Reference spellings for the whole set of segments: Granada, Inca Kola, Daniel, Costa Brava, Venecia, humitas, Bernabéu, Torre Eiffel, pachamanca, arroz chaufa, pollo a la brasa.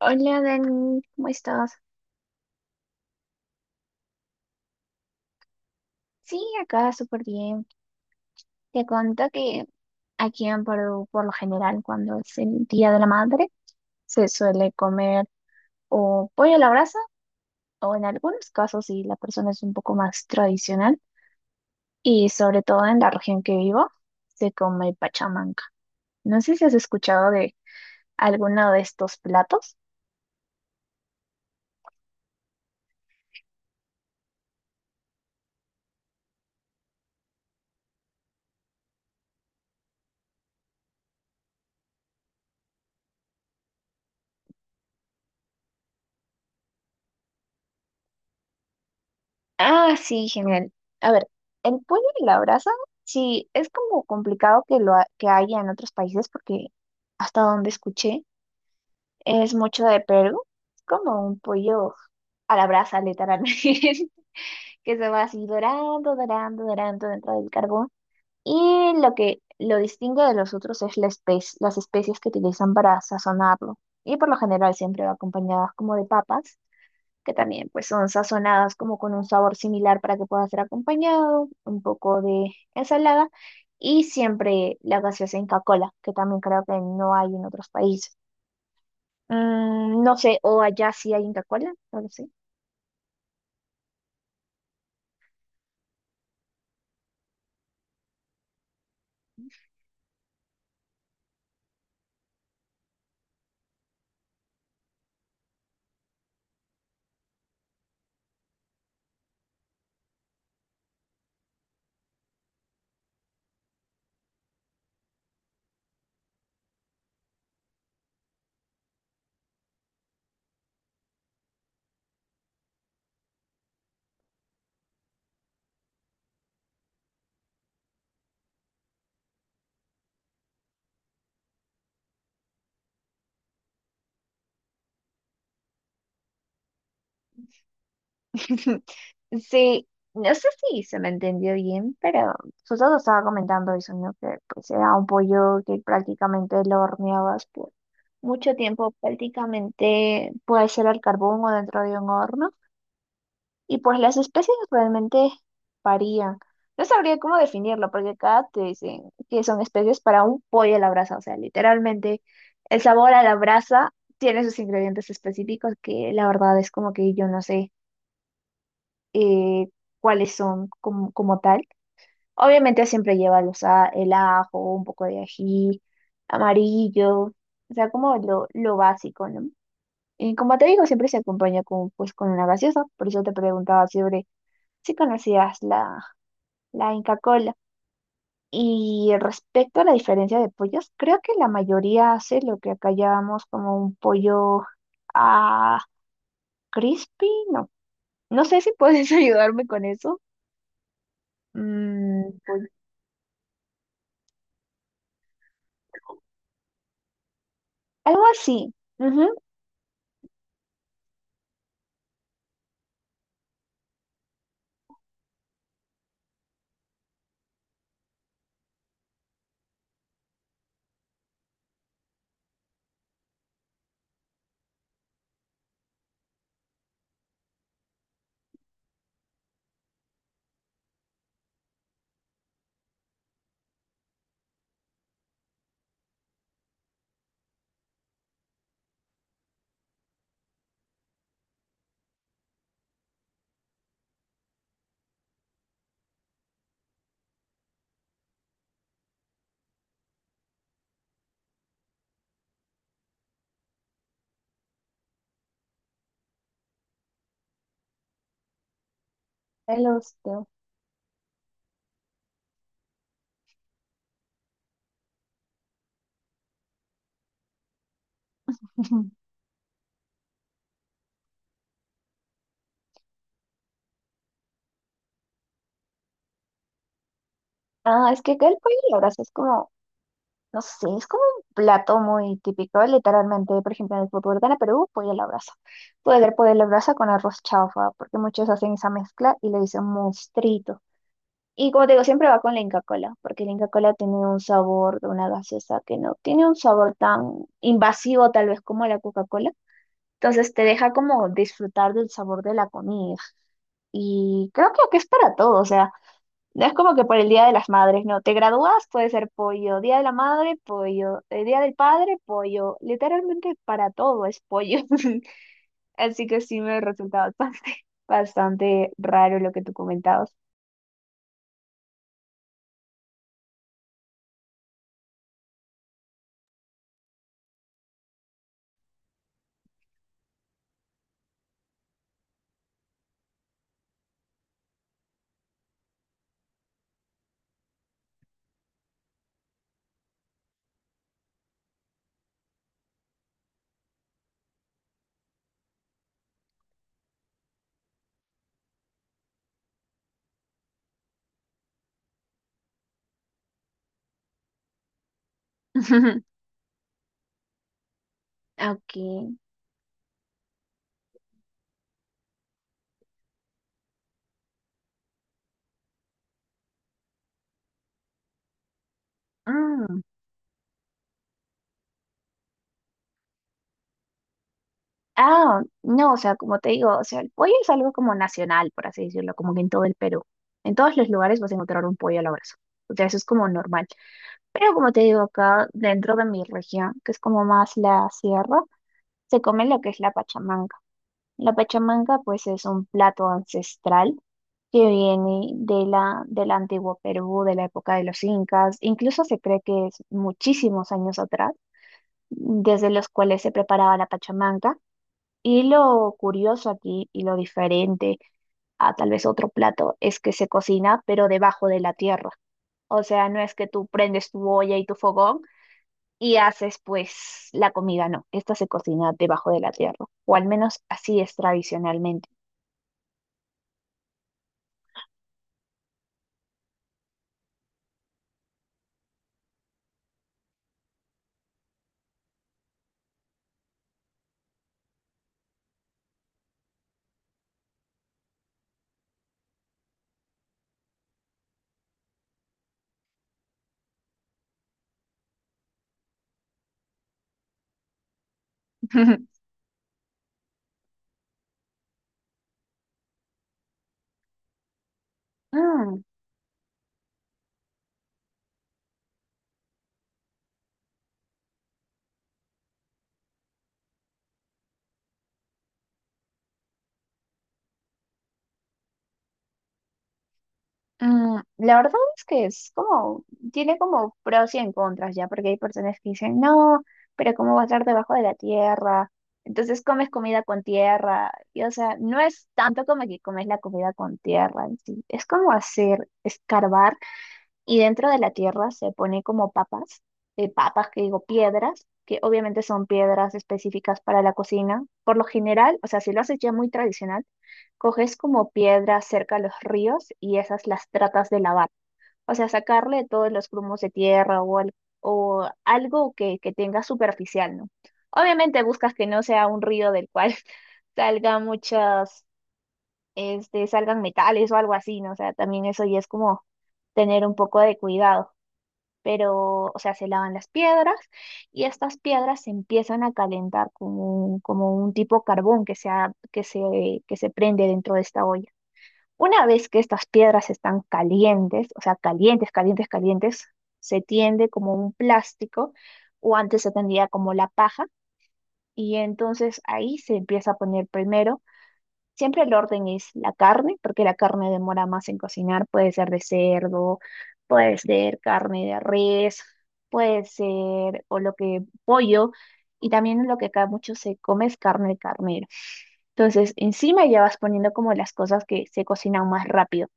Hola Dani, ¿cómo estás? Sí, acá súper bien. Te cuento que aquí en Perú, por lo general, cuando es el Día de la Madre, se suele comer o pollo a la brasa, o en algunos casos, si la persona es un poco más tradicional, y sobre todo en la región que vivo, se come pachamanca. No sé si has escuchado de alguno de estos platos. Ah, sí, genial. A ver, el pollo y la brasa, sí, es como complicado que que haya en otros países porque hasta donde escuché es mucho de Perú. Es como un pollo a la brasa, literalmente, que se va así dorando, dorando, dorando dentro del carbón. Y lo que lo distingue de los otros es las especias que utilizan para sazonarlo. Y por lo general siempre va acompañadas como de papas que también pues son sazonadas como con un sabor similar para que pueda ser acompañado, un poco de ensalada y siempre la gaseosa Inca Kola, que también creo que no hay en otros países. Mm, no sé, o allá sí hay Inca Kola, no lo sé. Sí, no sé si se me entendió bien, pero Soto estaba comentando eso, ¿no? Que pues era un pollo que prácticamente lo horneabas por mucho tiempo, prácticamente puede ser al carbón o dentro de un horno. Y pues las especies realmente varían. No sabría cómo definirlo, porque acá te dicen que son especies para un pollo a la brasa. O sea, literalmente el sabor a la brasa tiene sus ingredientes específicos que la verdad es como que yo no sé eh, cuáles son como tal. Obviamente siempre lleva el ajo, un poco de ají, amarillo, o sea, como lo básico, ¿no? Y como te digo, siempre se acompaña con, pues, con una gaseosa. Por eso te preguntaba siempre si conocías la Inca Kola. Y respecto a la diferencia de pollos, creo que la mayoría hace lo que acá llamamos como un pollo a crispy, no. No sé si puedes ayudarme con eso. Mm, pollo- algo así. Ujú, el osteo. Ah, es que acá el pollo a la brasa es como no sé, es como un plato muy típico, literalmente. Por ejemplo, en el fútbol gana Perú, pollo a la brasa. Puede ser pollo a la brasa con arroz chaufa, porque muchos hacen esa mezcla y le dicen mostrito. Y como te digo, siempre va con la Inca Kola, porque la Inca Kola tiene un sabor de una gaseosa que no tiene un sabor tan invasivo, tal vez como la Coca-Cola. Entonces te deja como disfrutar del sabor de la comida. Y creo que es para todo, o sea. No es como que por el Día de las Madres, no. Te gradúas, puede ser pollo. Día de la Madre, pollo. El Día del Padre, pollo. Literalmente para todo es pollo. Así que sí me resultaba bastante raro lo que tú comentabas. Ok. Mm. Ah, no, o sea, como te digo, o sea, el pollo es algo como nacional, por así decirlo, como que en todo el Perú. En todos los lugares vas a encontrar un pollo al abrazo. O sea, eso es como normal. Pero como te digo, acá dentro de mi región, que es como más la sierra, se come lo que es la pachamanca. La pachamanca pues es un plato ancestral que viene de del antiguo Perú, de la época de los incas, incluso se cree que es muchísimos años atrás, desde los cuales se preparaba la pachamanca. Y lo curioso aquí y lo diferente a tal vez otro plato es que se cocina pero debajo de la tierra. O sea, no es que tú prendes tu olla y tu fogón y haces pues la comida, no, esta se cocina debajo de la tierra, o al menos así es tradicionalmente. Mm, la verdad es que es como tiene como pros y en contras ya, porque hay personas que dicen, no, pero ¿cómo va a estar debajo de la tierra? Entonces comes comida con tierra, y o sea, no es tanto como que comes la comida con tierra en sí, es como hacer, escarbar y dentro de la tierra se pone como papas, papas que digo piedras, que obviamente son piedras específicas para la cocina. Por lo general, o sea, si lo haces ya muy tradicional, coges como piedras cerca a los ríos y esas las tratas de lavar. O sea, sacarle todos los grumos de tierra o algo que tenga superficial, ¿no? Obviamente buscas que no sea un río del cual salgan muchas, este, salgan metales o algo así, ¿no? O sea, también eso ya es como tener un poco de cuidado pero, o sea, se lavan las piedras y estas piedras se empiezan a calentar como como un tipo carbón que se prende dentro de esta olla. Una vez que estas piedras están calientes, o sea, calientes, calientes, calientes, se tiende como un plástico o antes se tendía como la paja y entonces ahí se empieza a poner primero. Siempre el orden es la carne, porque la carne demora más en cocinar. Puede ser de cerdo, puede ser carne de res, puede ser o lo que pollo. Y también lo que acá mucho se come es carne de carnero. Entonces, encima ya vas poniendo como las cosas que se cocinan más rápido.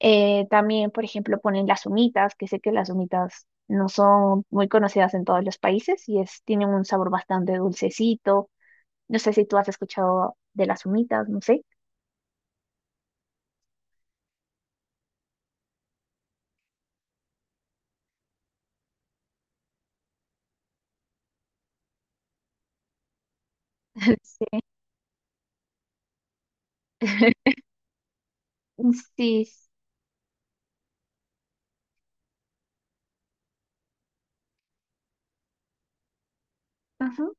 También, por ejemplo, ponen las humitas, que sé que las humitas no son muy conocidas en todos los países tienen un sabor bastante dulcecito. No sé si tú has escuchado de las humitas, no sé. Sí, sí. Ujú.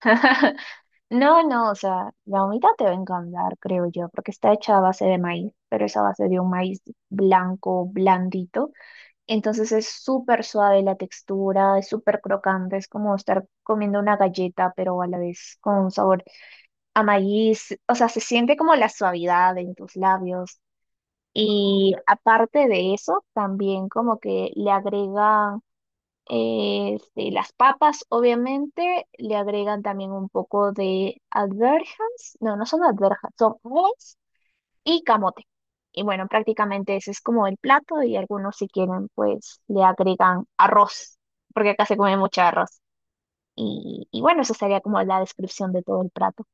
No, no, o sea, la humita te va a encantar, creo yo, porque está hecha a base de maíz, pero es a base de un maíz blanco, blandito. Entonces es súper suave la textura, es súper crocante, es como estar comiendo una galleta, pero a la vez con un sabor a maíz. O sea, se siente como la suavidad en tus labios. Y aparte de eso, también como que le agrega este, las papas, obviamente, le agregan también un poco de alverjas. No, no son alverjas, son moles y camote. Y bueno, prácticamente ese es como el plato y algunos si quieren, pues le agregan arroz, porque acá se come mucho arroz. Y bueno, eso sería como la descripción de todo el plato.